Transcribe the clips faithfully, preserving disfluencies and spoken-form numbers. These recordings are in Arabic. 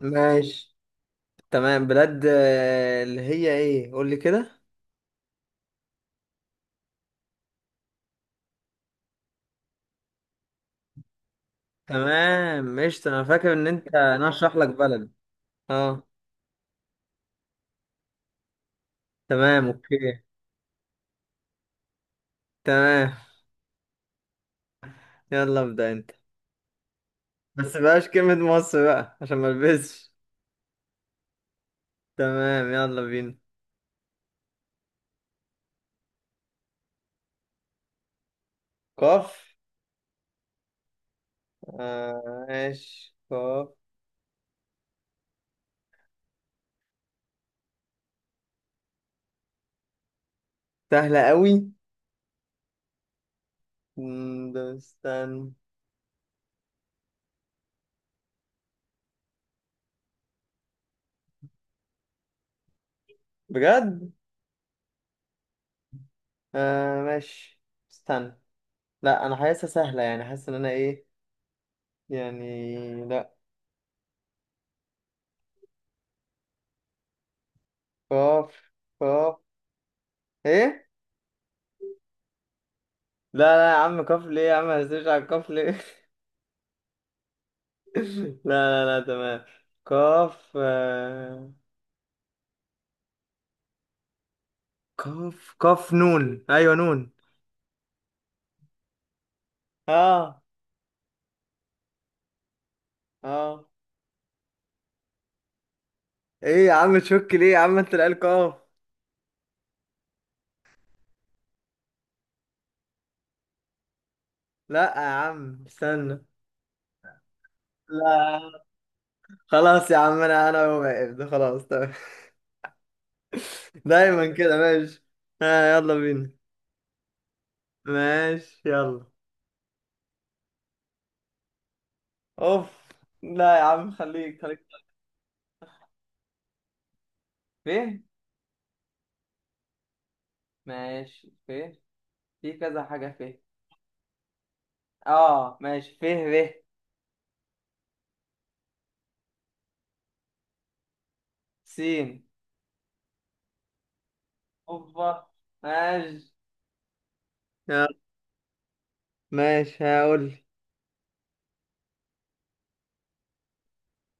ماشي. تمام، بلاد آه، اللي هي ايه؟ قول لي كده. تمام قشطة، انا فاكر ان انت، انا هشرح لك بلد. اه تمام اوكي. تمام يلا ابدأ انت. بس بقاش كلمة مصر بقى عشان ما البسش. تمام يلا بينا. قاف آه، ماشي قاف. سهلة قوي. مم، ده استنى. بجد؟ آه ماشي. استنى، لا انا حاسسها سهلة، يعني حاسس ان انا ايه، يعني لا. قاف قاف. ايه؟ لا لا، يا عم كاف ليه يا عم؟ هسيرش على الكاف ليه؟ لا لا لا تمام. كاف آه، كاف كاف نون ايوه نون. اه. اه. ايه يا عم تشك ليه يا عم؟ انت العيال كاف. لا يا عم استنى. لا خلاص يا عم، انا انا واقف ده خلاص تمام. دايما كده ماشي. ها يلا بينا. ماشي يلا. اوف. لا يا عم خليك خليك. فين؟ ماشي فين. في كذا حاجة فين. اه ماشي، ف. ر. س. اوبا. ماشي يلا. ماشي هقول.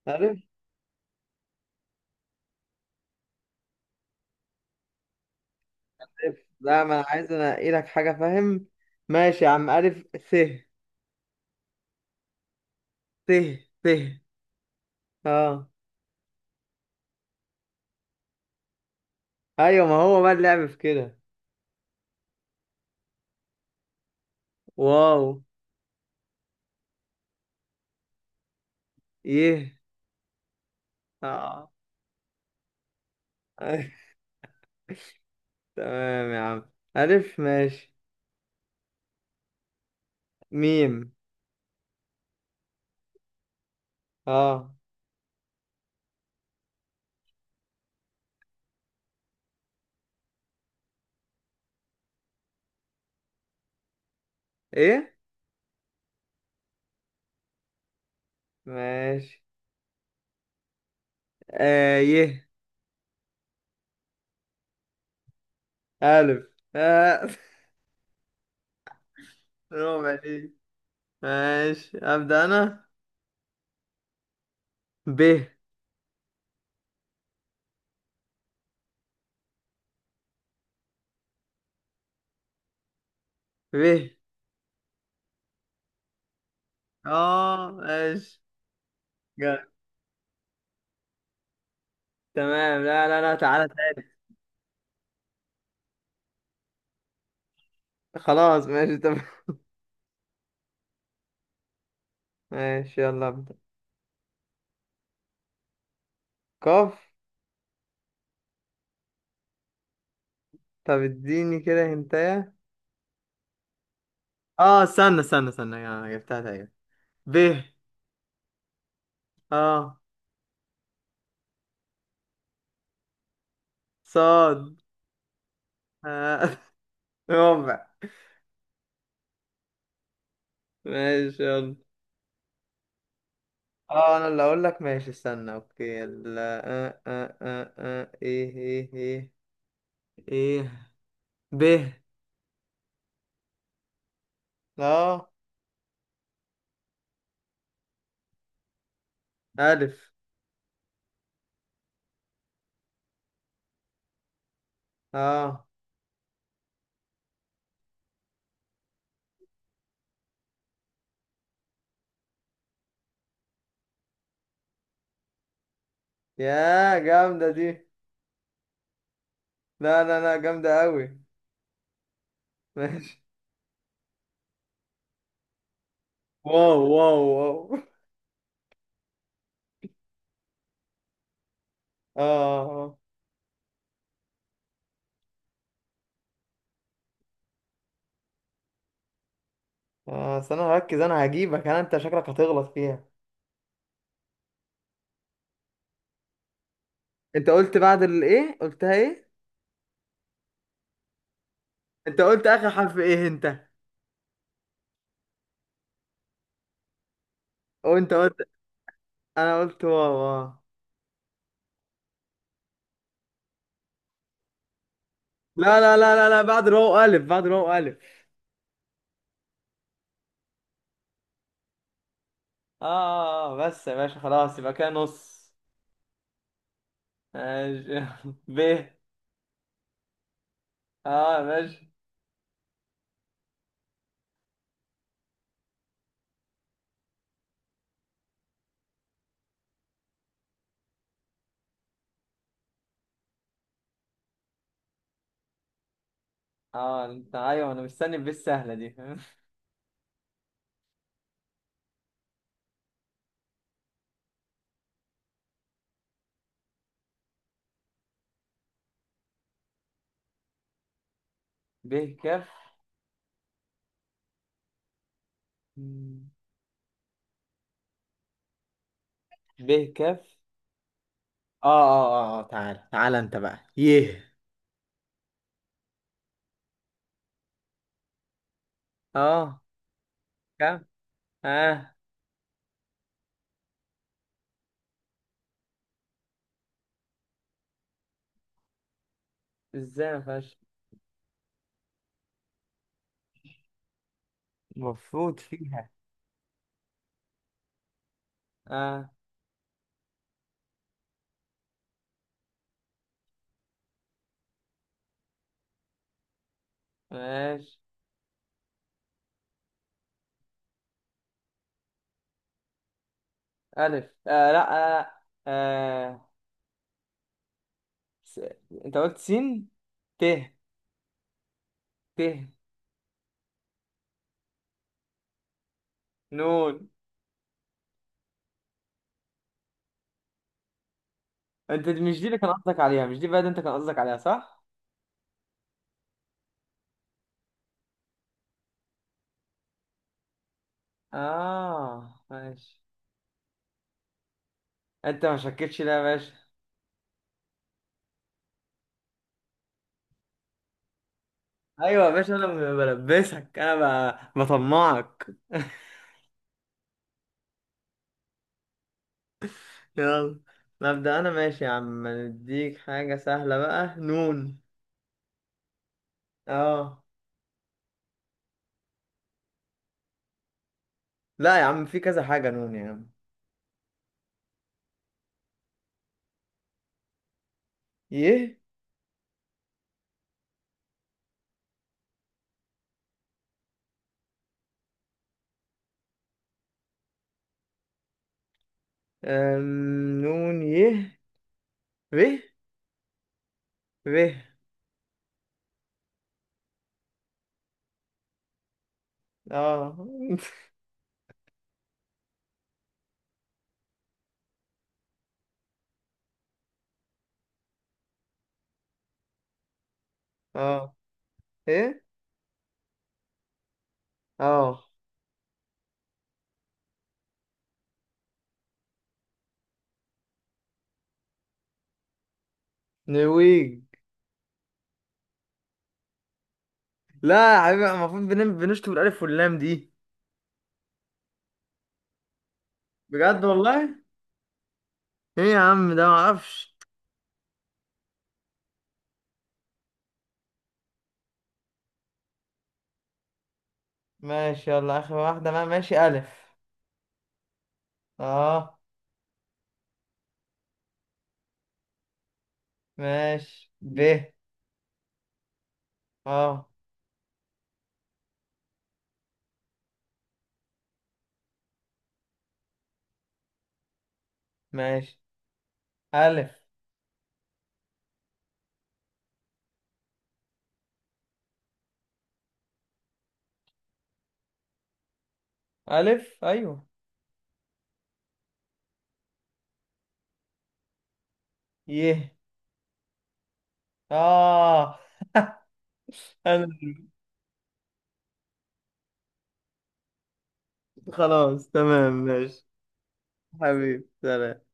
ألف. ألف؟ لا، ما أنا عايز أنقي لك حاجة فاهم. ماشي يا عم، ألف س. س. س. أه. أيوة، ما هو بقى اللعب في كده. واو. يه. أه. تمام يا عم. ألف ماشي. ميم. أه. إيه؟ ماشي. آه يه. ألف. آه. ربع دي. ماشي أبدأ أنا. ب. ب. اه ماشي. جامد. تمام، لا لا لا تعالى تاني. خلاص ماشي تمام. ماشي يلا ابدأ. قاف. طب اديني كده هنتايه. اه استنى استنى استنى، انا جبتها تقريبا. ب. اه. صاد. آه. ربع. ماشي يلا. اه انا اللي اقول لك ماشي. استنى، اوكي يلا. آه آه آه آه. ايه ايه ايه. ايه. ب. اه. الف. اه. يا جامدة دي. لا لا لا جامدة أوي. ماشي. واو واو واو. اه اه اه آه، بس أنا هركز، أنا هجيبك، أنا أنت شكلك هتغلط فيها. أنت قلت بعد الإيه؟ قلتها إيه؟ انت قلت اخر حرف ايه انت؟ وأنت قلت. أنا قلت واو اه. لا لا لا لا لا، بعد الواو الف، بعد الواو الف. اه آه، آه، بس يا باشا خلاص، يبقى كده نص. ماشي. ب. اه يا باشا. اه انت ايوه، انا مستني الب السهله دي. ب كف. ب كف. اه اه اه آه، تعال تعال انت بقى. يه. اه. كم. اه. ازاي ما فيهاش؟ المفروض فيها. اه ماشي. الف. آه لا. آه لا آه. س... انت قلت سين. ت. ت. نون. انت دي- مش دي اللي كان قصدك عليها؟ مش دي بقى اللي انت كان قصدك عليها؟ صح. اه ماشي. انت ما شكتش لا يا باشا؟ ايوه يا باشا، انا ب- بلبسك انا، ب- بطمعك. يلا. مبدأ انا، ماشي يا عم نديك حاجة سهلة بقى. نون. اه. لا يا عم، في كذا حاجة نون يا عم. يه. أم... نون يه. ره. ره. اه. اه. ايه. اه. نرويج. لا يا حبيبي، المفروض بنم- بنشطب الألف واللام دي. بجد والله؟ ايه يا عم ده، معرفش. ماشي يلا آخر واحدة بقى. ماشي، ألف. اه. ماشي، ب. اه ماشي. ألف. ألف أيوه. يه. آه. أنا، خلاص تمام ماشي. حبيبي سلام.